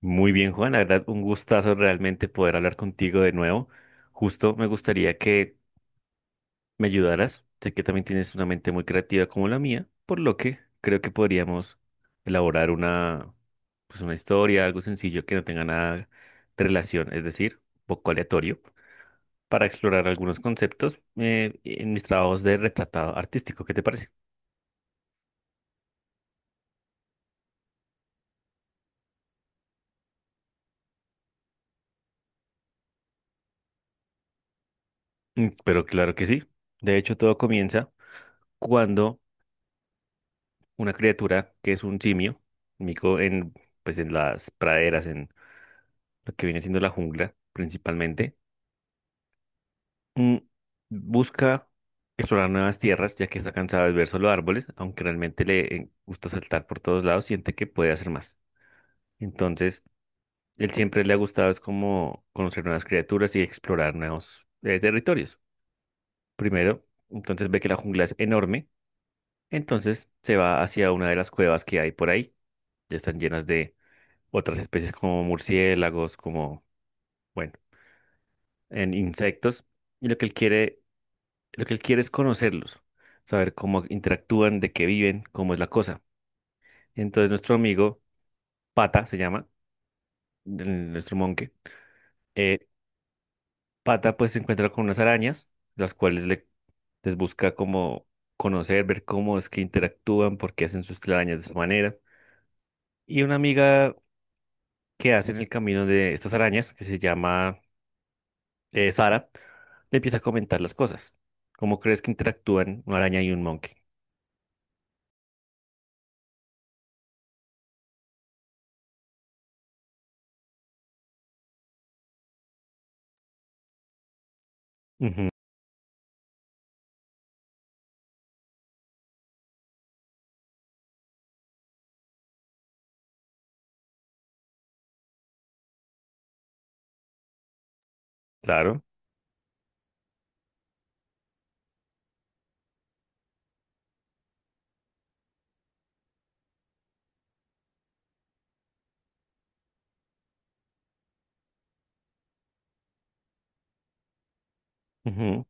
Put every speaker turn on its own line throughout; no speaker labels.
Muy bien, Juan, la verdad, un gustazo realmente poder hablar contigo de nuevo. Justo me gustaría que me ayudaras. Sé que también tienes una mente muy creativa como la mía, por lo que creo que podríamos elaborar una, pues una historia, algo sencillo que no tenga nada de relación, es decir, un poco aleatorio, para explorar algunos conceptos en mis trabajos de retratado artístico. ¿Qué te parece? Mm, pero claro que sí. De hecho, todo comienza cuando una criatura que es un simio, mico en, pues en las praderas, en lo que viene siendo la jungla principalmente. Mm, Busca explorar nuevas tierras, ya que está cansada de ver solo árboles, aunque realmente le gusta saltar por todos lados, siente que puede hacer más. Entonces, él siempre le ha gustado es como conocer nuevas criaturas y explorar nuevos territorios. Primero, entonces ve que la jungla es enorme, entonces se va hacia una de las cuevas que hay por ahí, ya están llenas de otras especies como murciélagos, como, bueno, en insectos. Y lo que él quiere, lo que él quiere es conocerlos, saber cómo interactúan, de qué viven, cómo es la cosa. Entonces nuestro amigo Pata se llama, nuestro monje, eh, Pata pues se encuentra con unas arañas, las cuales le, les busca como conocer, ver cómo es que interactúan, por qué hacen sus telarañas de esa manera. Y una amiga que hace en el camino de estas arañas, que se llama Sara, le empieza a comentar las cosas. ¿Cómo crees que interactúan una araña y un monkey? Ujú, claro. Ujú,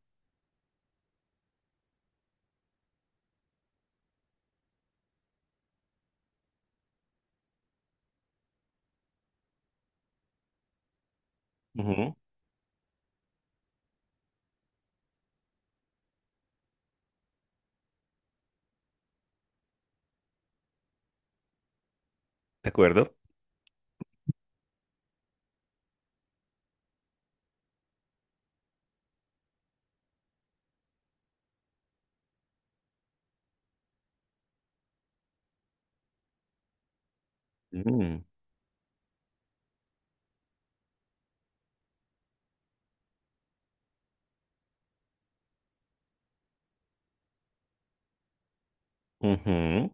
ujú, ¿de acuerdo? Mm, ujú.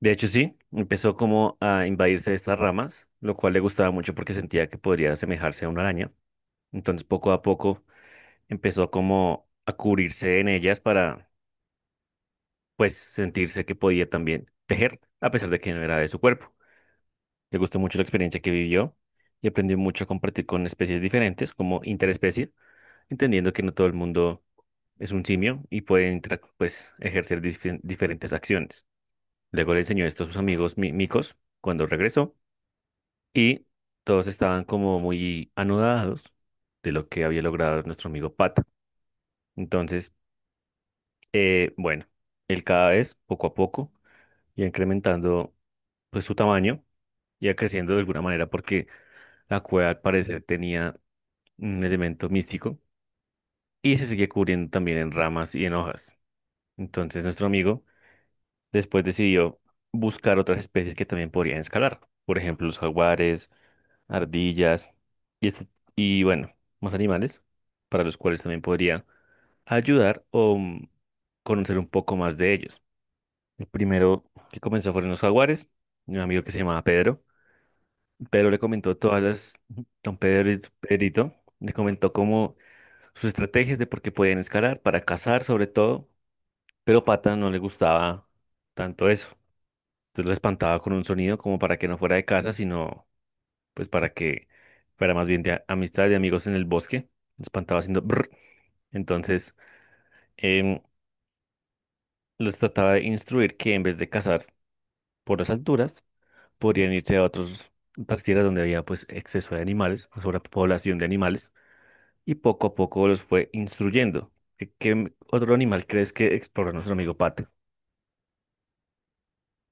De hecho, sí, empezó como a invadirse de estas ramas, lo cual le gustaba mucho porque sentía que podría asemejarse a una araña. Entonces, poco a poco, empezó como a cubrirse en ellas para, pues, sentirse que podía también tejer, a pesar de que no era de su cuerpo. Le gustó mucho la experiencia que vivió y aprendió mucho a compartir con especies diferentes como interespecie, entendiendo que no todo el mundo es un simio y puede pues, ejercer diferentes acciones. Luego le enseñó esto a sus amigos micos cuando regresó y todos estaban como muy anodados de lo que había logrado nuestro amigo Pata. Entonces, bueno, él cada vez, poco a poco, iba incrementando pues su tamaño, iba creciendo de alguna manera porque la cueva al parecer tenía un elemento místico y se seguía cubriendo también en ramas y en hojas. Entonces nuestro amigo después decidió buscar otras especies que también podrían escalar, por ejemplo los jaguares, ardillas y, y bueno, más animales para los cuales también podría ayudar o conocer un poco más de ellos. El primero que comenzó fueron los jaguares, un amigo que se llamaba Pedro. Pedro le comentó todas las, don Pedro, Pedrito, le comentó cómo sus estrategias de por qué podían escalar, para cazar sobre todo, pero Pata no le gustaba tanto eso. Entonces lo espantaba con un sonido como para que no fuera de casa, sino pues para que fuera más bien de amistad, de amigos en el bosque. Lo espantaba haciendo brr. Entonces em, los trataba de instruir que en vez de cazar por las alturas, podrían irse a otros otras tierras donde había pues exceso de animales, sobrepoblación de animales, y poco a poco los fue instruyendo. ¿Qué, qué otro animal crees que exploró nuestro amigo Pata?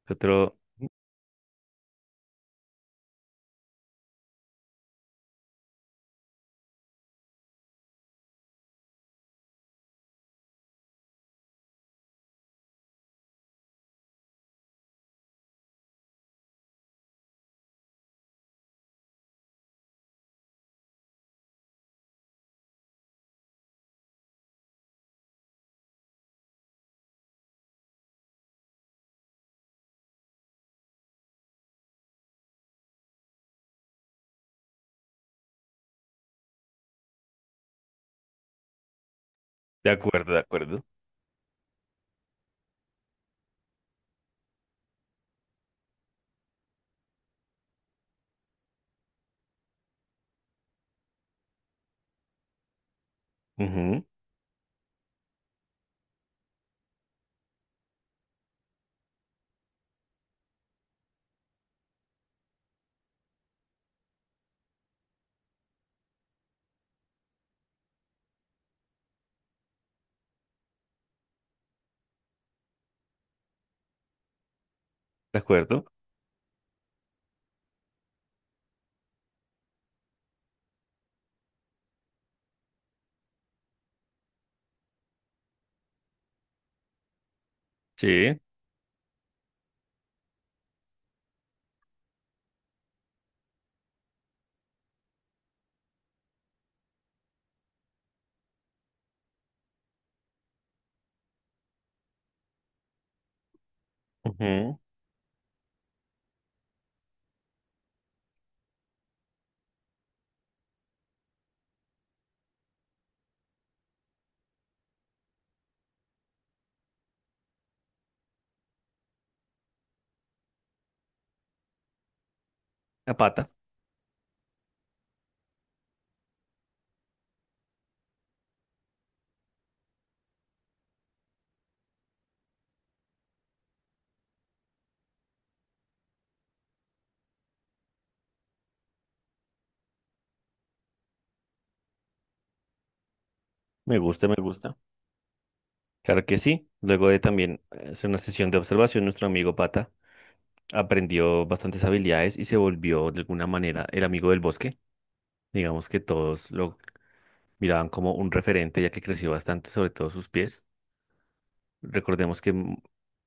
Otro, de acuerdo, de acuerdo. Ujú, de acuerdo. Sí, ujú. La pata. Me gusta, me gusta. Claro que sí. Luego de también hacer una sesión de observación, nuestro amigo Pata aprendió bastantes habilidades y se volvió de alguna manera el amigo del bosque. Digamos que todos lo miraban como un referente ya que creció bastante, sobre todo sus pies. Recordemos que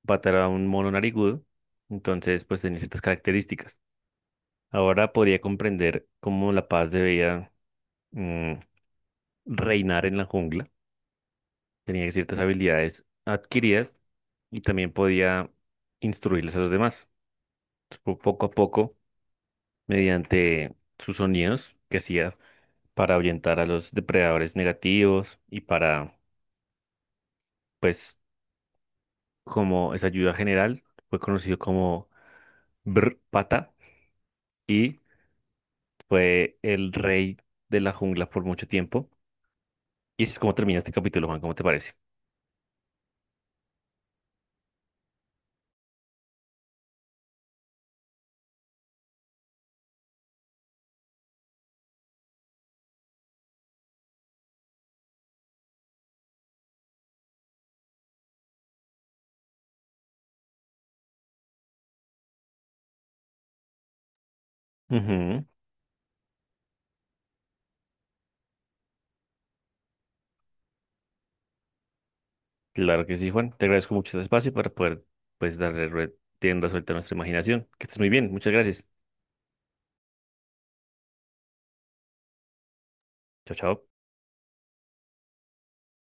Pata era un mono narigudo, entonces pues tenía ciertas características. Ahora podría comprender cómo la paz debía mm, reinar en la jungla, tenía ciertas habilidades adquiridas y también podía instruirles a los demás. Poco a poco, mediante sus sonidos que hacía para ahuyentar a los depredadores negativos y para, pues, como esa ayuda general, fue conocido como Brr Pata y fue el rey de la jungla por mucho tiempo. Y así es como termina este capítulo, Juan, ¿cómo te parece? Ujú. Claro que sí, Juan. Te agradezco mucho este espacio para poder, pues, darle rienda suelta a nuestra imaginación. Que estés muy bien. Muchas gracias. Chao, chao.